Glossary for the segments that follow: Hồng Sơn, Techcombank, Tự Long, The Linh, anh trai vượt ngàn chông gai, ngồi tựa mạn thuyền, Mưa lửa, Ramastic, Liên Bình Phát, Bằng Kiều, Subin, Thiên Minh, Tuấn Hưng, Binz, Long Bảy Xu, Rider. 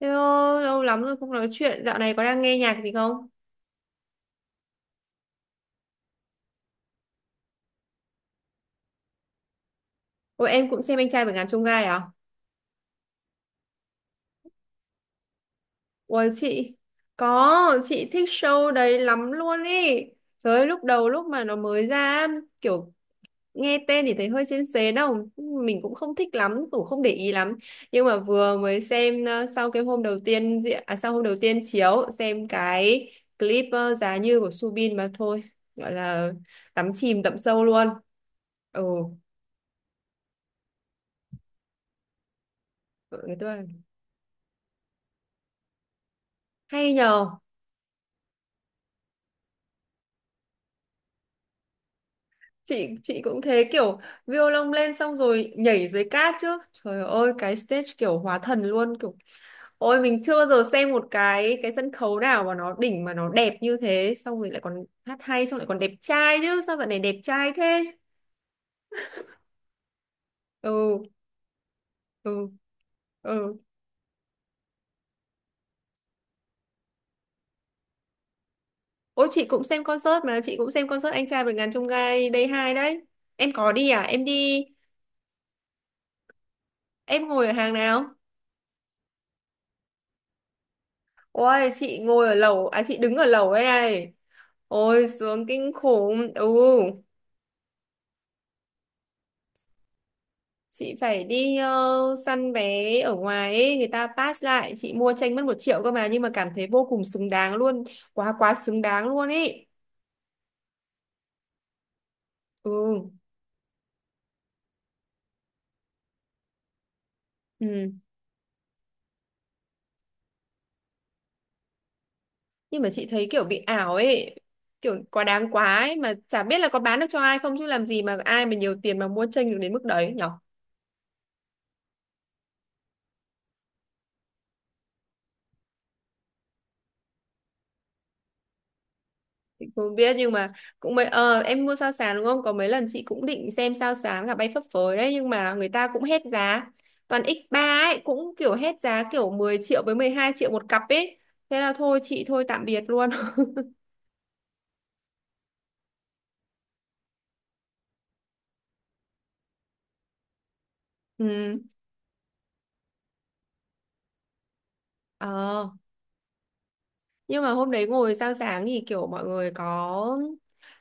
Hello, lâu lắm rồi không nói chuyện. Dạo này có đang nghe nhạc gì không? Ôi em cũng xem anh trai vượt ngàn chông gai à? Ôi chị, có, chị thích show đấy lắm luôn ý. Trời ơi, lúc đầu lúc mà nó mới ra, kiểu nghe tên thì thấy hơi sến sến đâu. Mình cũng không thích lắm, cũng không để ý lắm. Nhưng mà vừa mới xem sau cái hôm đầu tiên diễn, à, sau hôm đầu tiên chiếu, xem cái clip Giá Như của Subin mà thôi. Gọi là đắm chìm đậm sâu luôn. Ừ, gọi người tôi hay nhờ. Chị cũng thế, kiểu violon lên xong rồi nhảy dưới cát chứ, trời ơi cái stage kiểu hóa thần luôn, kiểu ôi mình chưa bao giờ xem một cái sân khấu nào mà nó đỉnh mà nó đẹp như thế, xong rồi lại còn hát hay, xong lại còn đẹp trai chứ, sao dạo này đẹp trai thế. Ừ ừ ừ Ôi chị cũng xem concert mà, chị cũng xem concert anh trai vượt ngàn chông gai Day 2 đấy. Em có đi à? Em đi em ngồi ở hàng nào? Ôi chị ngồi ở lầu à, chị đứng ở lầu đây này. Ôi sướng kinh khủng. Ừ. Chị phải đi săn vé ở ngoài ấy, người ta pass lại, chị mua tranh mất 1 triệu cơ mà nhưng mà cảm thấy vô cùng xứng đáng luôn, quá quá xứng đáng luôn ấy. Ừ, ừ. Nhưng mà chị thấy kiểu bị ảo ấy, kiểu quá đáng quá ấy, mà chả biết là có bán được cho ai không, chứ làm gì mà ai mà nhiều tiền mà mua tranh được đến mức đấy nhỉ? Chị không biết, nhưng mà cũng mấy em mua sao sàn đúng không? Có mấy lần chị cũng định xem sao sàn cả bay phấp phới đấy, nhưng mà người ta cũng hết giá. Toàn x ba ấy, cũng kiểu hết giá, kiểu 10 triệu với 12 triệu một cặp ấy. Thế là thôi chị thôi tạm biệt luôn. Ừ. Ờ, nhưng mà hôm đấy ngồi sao sáng thì kiểu mọi người có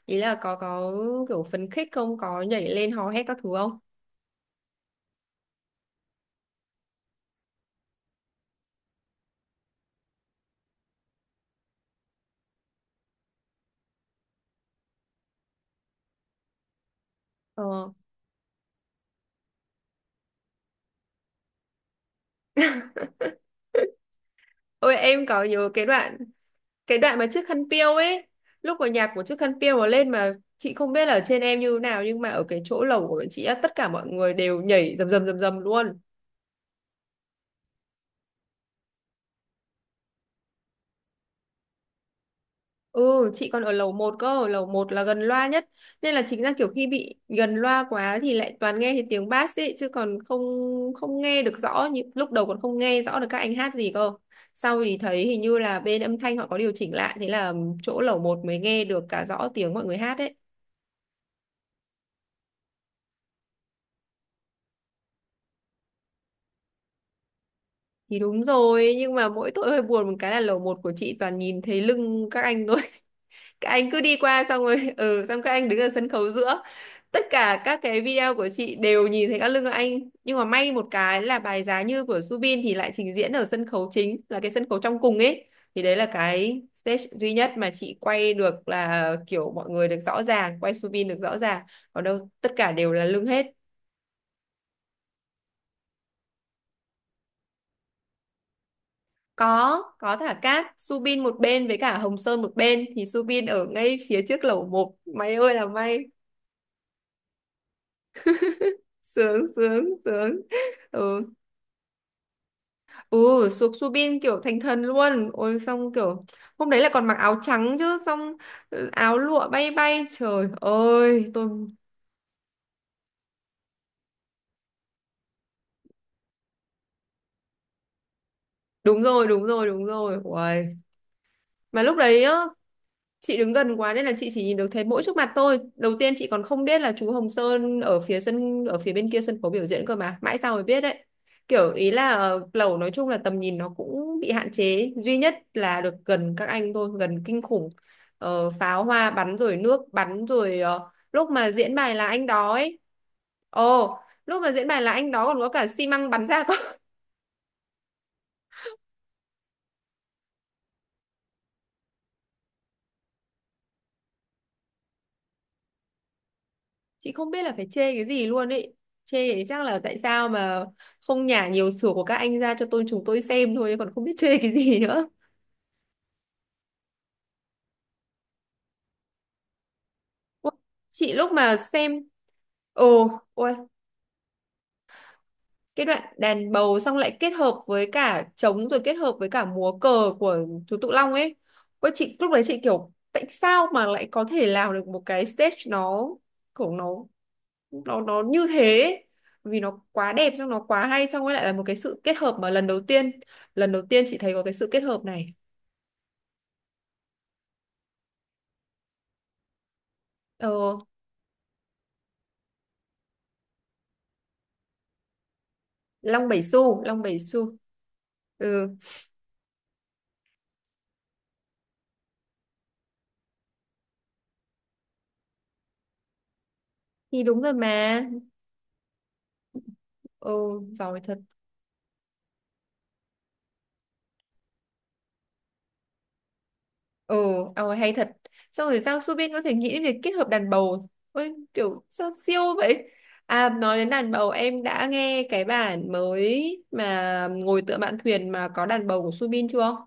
ý là có kiểu phấn khích không, có nhảy lên hò hét các thứ không? Ờ. Ôi em có nhớ cái đoạn, cái đoạn mà chiếc khăn piêu ấy, lúc mà nhạc của chiếc khăn piêu mà lên, mà chị không biết là ở trên em như thế nào nhưng mà ở cái chỗ lầu của bọn chị á, tất cả mọi người đều nhảy rầm rầm rầm rầm luôn. Ừ, chị còn ở lầu một cơ, lầu một là gần loa nhất, nên là chính ra kiểu khi bị gần loa quá thì lại toàn nghe thấy tiếng bass ấy, chứ còn không không nghe được rõ như lúc đầu, còn không nghe rõ được các anh hát gì cơ. Sau thì thấy hình như là bên âm thanh họ có điều chỉnh lại, thế là chỗ lầu một mới nghe được cả rõ tiếng mọi người hát ấy. Thì đúng rồi, nhưng mà mỗi tội hơi buồn một cái là lầu một của chị toàn nhìn thấy lưng các anh thôi. Các anh cứ đi qua xong rồi, ừ, xong các anh đứng ở sân khấu giữa. Tất cả các cái video của chị đều nhìn thấy các lưng các anh. Nhưng mà may một cái là bài Giá Như của Subin thì lại trình diễn ở sân khấu chính, là cái sân khấu trong cùng ấy. Thì đấy là cái stage duy nhất mà chị quay được là kiểu mọi người được rõ ràng, quay Subin được rõ ràng. Còn đâu tất cả đều là lưng hết. Có thả cát, Subin một bên với cả Hồng Sơn một bên, thì Subin ở ngay phía trước lẩu một. Mày ơi là may. Sướng sướng sướng. Ừ, ừ xuống Subin kiểu thành thần luôn. Ôi xong kiểu hôm đấy là còn mặc áo trắng chứ, xong ừ, áo lụa bay bay. Trời ơi, tôi đúng rồi, đúng rồi, đúng rồi. Uầy. Mà lúc đấy á chị đứng gần quá nên là chị chỉ nhìn được thấy mỗi trước mặt tôi, đầu tiên chị còn không biết là chú Hồng Sơn ở phía sân, ở phía bên kia sân khấu biểu diễn cơ, mà mãi sau mới biết đấy. Kiểu ý là lẩu nói chung là tầm nhìn nó cũng bị hạn chế, duy nhất là được gần các anh thôi, gần kinh khủng. Pháo hoa bắn rồi, nước bắn rồi, lúc mà diễn bài là anh đó ấy, ồ, lúc mà diễn bài là anh đó còn có cả xi măng bắn ra cơ. Chị không biết là phải chê cái gì luôn ấy, chê thì chắc là tại sao mà không nhả nhiều sủa của các anh ra cho tôi chúng tôi xem thôi, còn không biết chê cái gì nữa. Ôi, chị lúc mà xem, ồ ôi, cái đoạn đàn bầu xong lại kết hợp với cả trống, rồi kết hợp với cả múa cờ của chú Tự Long ấy, ôi chị lúc đấy chị kiểu tại sao mà lại có thể làm được một cái stage, nó kiểu nó nó như thế, vì nó quá đẹp, xong nó quá hay, xong rồi lại là một cái sự kết hợp mà lần đầu tiên, lần đầu tiên chị thấy có cái sự kết hợp này. Ờ, Long Bảy Xu, Long Bảy Xu. Ừ thì đúng rồi mà. Ừ giỏi thật. Ừ. Hay thật, xong rồi sao Subin có thể nghĩ đến việc kết hợp đàn bầu, ôi kiểu sao siêu vậy. À nói đến đàn bầu, em đã nghe cái bản mới mà ngồi tựa mạn thuyền mà có đàn bầu của Subin chưa?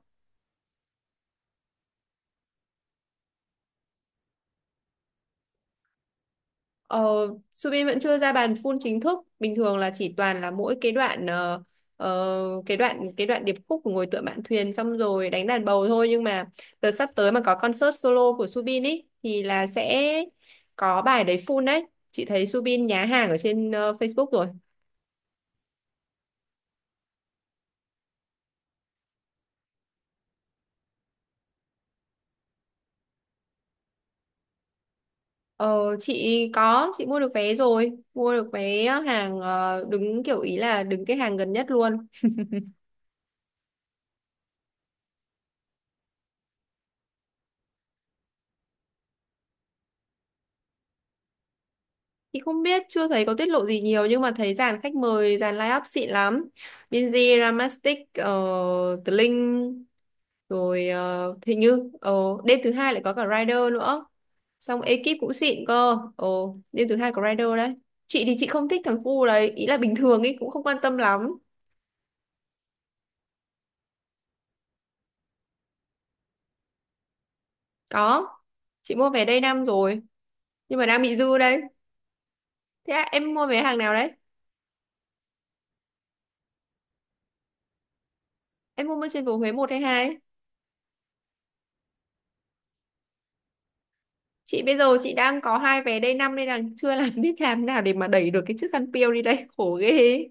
Ờ, Subin vẫn chưa ra bàn full chính thức, bình thường là chỉ toàn là mỗi cái đoạn cái đoạn, cái đoạn điệp khúc của ngồi tựa mạn thuyền xong rồi đánh đàn bầu thôi, nhưng mà đợt sắp tới mà có concert solo của Subin ý thì là sẽ có bài đấy full đấy, chị thấy Subin nhá hàng ở trên Facebook rồi. Ờ, chị có, chị mua được vé rồi, mua được vé hàng đứng, kiểu ý là đứng cái hàng gần nhất luôn. Chị không biết, chưa thấy có tiết lộ gì nhiều nhưng mà thấy dàn khách mời, dàn line-up xịn lắm. Binz, Ramastic, The Linh, rồi hình như đêm thứ hai lại có cả Rider nữa. Xong ekip cũng xịn cơ. Ờ, đêm thứ hai có Rider đấy. Chị thì chị không thích thằng cu đấy, ý là bình thường ý cũng không quan tâm lắm. Đó, chị mua vé Day 5 rồi nhưng mà đang bị dư đây. Thế à, em mua vé hàng nào đấy? Em mua bên trên phố Huế một hay hai? Chị bây giờ chị đang có hai vé Day 5 nên là chưa làm biết làm nào để mà đẩy được cái chiếc khăn piêu đi đây, khổ ghê.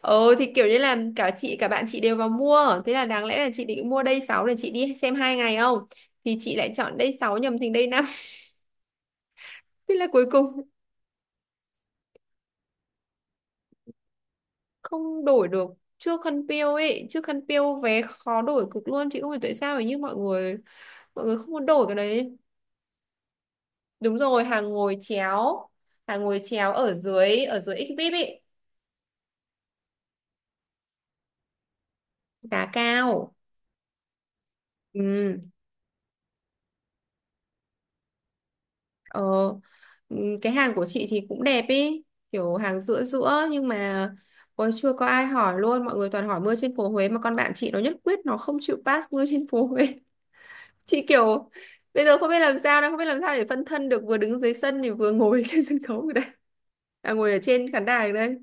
Ờ thì kiểu như là cả chị cả bạn chị đều vào mua, thế là đáng lẽ là chị định mua Day 6 để chị đi xem hai ngày không, thì chị lại chọn Day 6 nhầm thành Day 5. Thế là cuối cùng không đổi được. Trước khăn piêu ấy, trước khăn piêu vé khó đổi cực luôn, chị không hiểu tại sao ấy, nhưng mọi người không muốn đổi cái đấy. Đúng rồi, hàng ngồi chéo, hàng ngồi chéo ở dưới, ở dưới XVIP ấy. Giá cao. Ừ. Ờ, cái hàng của chị thì cũng đẹp ý, kiểu hàng giữa giữa, nhưng mà ôi, chưa có ai hỏi luôn, mọi người toàn hỏi mưa trên phố Huế mà con bạn chị nó nhất quyết nó không chịu pass mưa trên phố Huế. Chị kiểu bây giờ không biết làm sao, đang không biết làm sao để phân thân được, vừa đứng dưới sân thì vừa ngồi trên sân khấu ở đây, à, ngồi ở trên khán đài ở đây.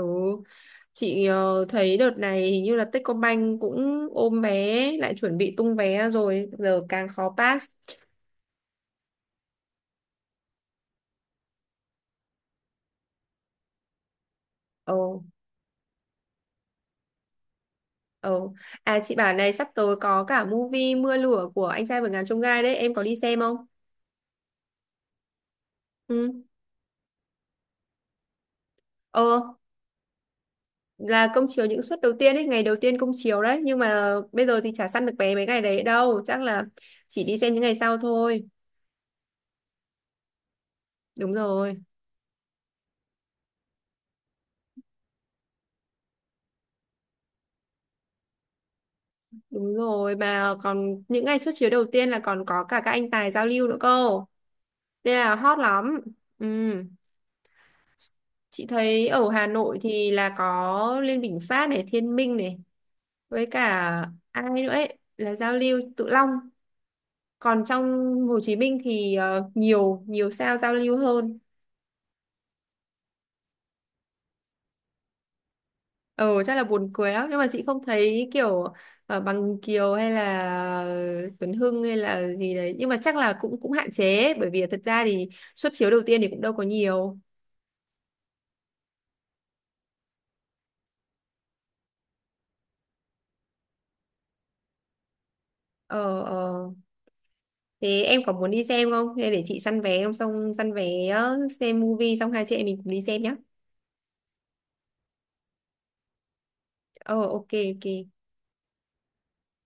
Ừ, chị thấy đợt này hình như là Techcombank cũng ôm vé, lại chuẩn bị tung vé rồi, giờ càng khó pass. Ờ. Ồ, à chị bảo này sắp tới có cả movie Mưa lửa của anh trai vượt ngàn chông gai đấy, em có đi xem không? Ừ. Ờ, là công chiếu những suất đầu tiên ấy, ngày đầu tiên công chiếu đấy, nhưng mà bây giờ thì chả săn được vé mấy ngày đấy đâu, chắc là chỉ đi xem những ngày sau thôi. Đúng rồi, đúng rồi, mà còn những ngày suất chiếu đầu tiên là còn có cả các anh tài giao lưu nữa cơ, nên là hot lắm. Ừ. Chị thấy ở Hà Nội thì là có Liên Bình Phát này, Thiên Minh này, với cả ai nữa ấy là giao lưu Tự Long, còn trong Hồ Chí Minh thì nhiều nhiều sao giao lưu hơn. Ờ chắc là buồn cười lắm, nhưng mà chị không thấy kiểu Bằng Kiều hay là Tuấn Hưng hay là gì đấy, nhưng mà chắc là cũng cũng hạn chế ấy, bởi vì thật ra thì suất chiếu đầu tiên thì cũng đâu có nhiều. Ờ. Thế em có muốn đi xem không, hay để chị săn vé không, xong săn vé xem movie xong hai chị em mình cùng đi xem nhá. Ờ, ok ok.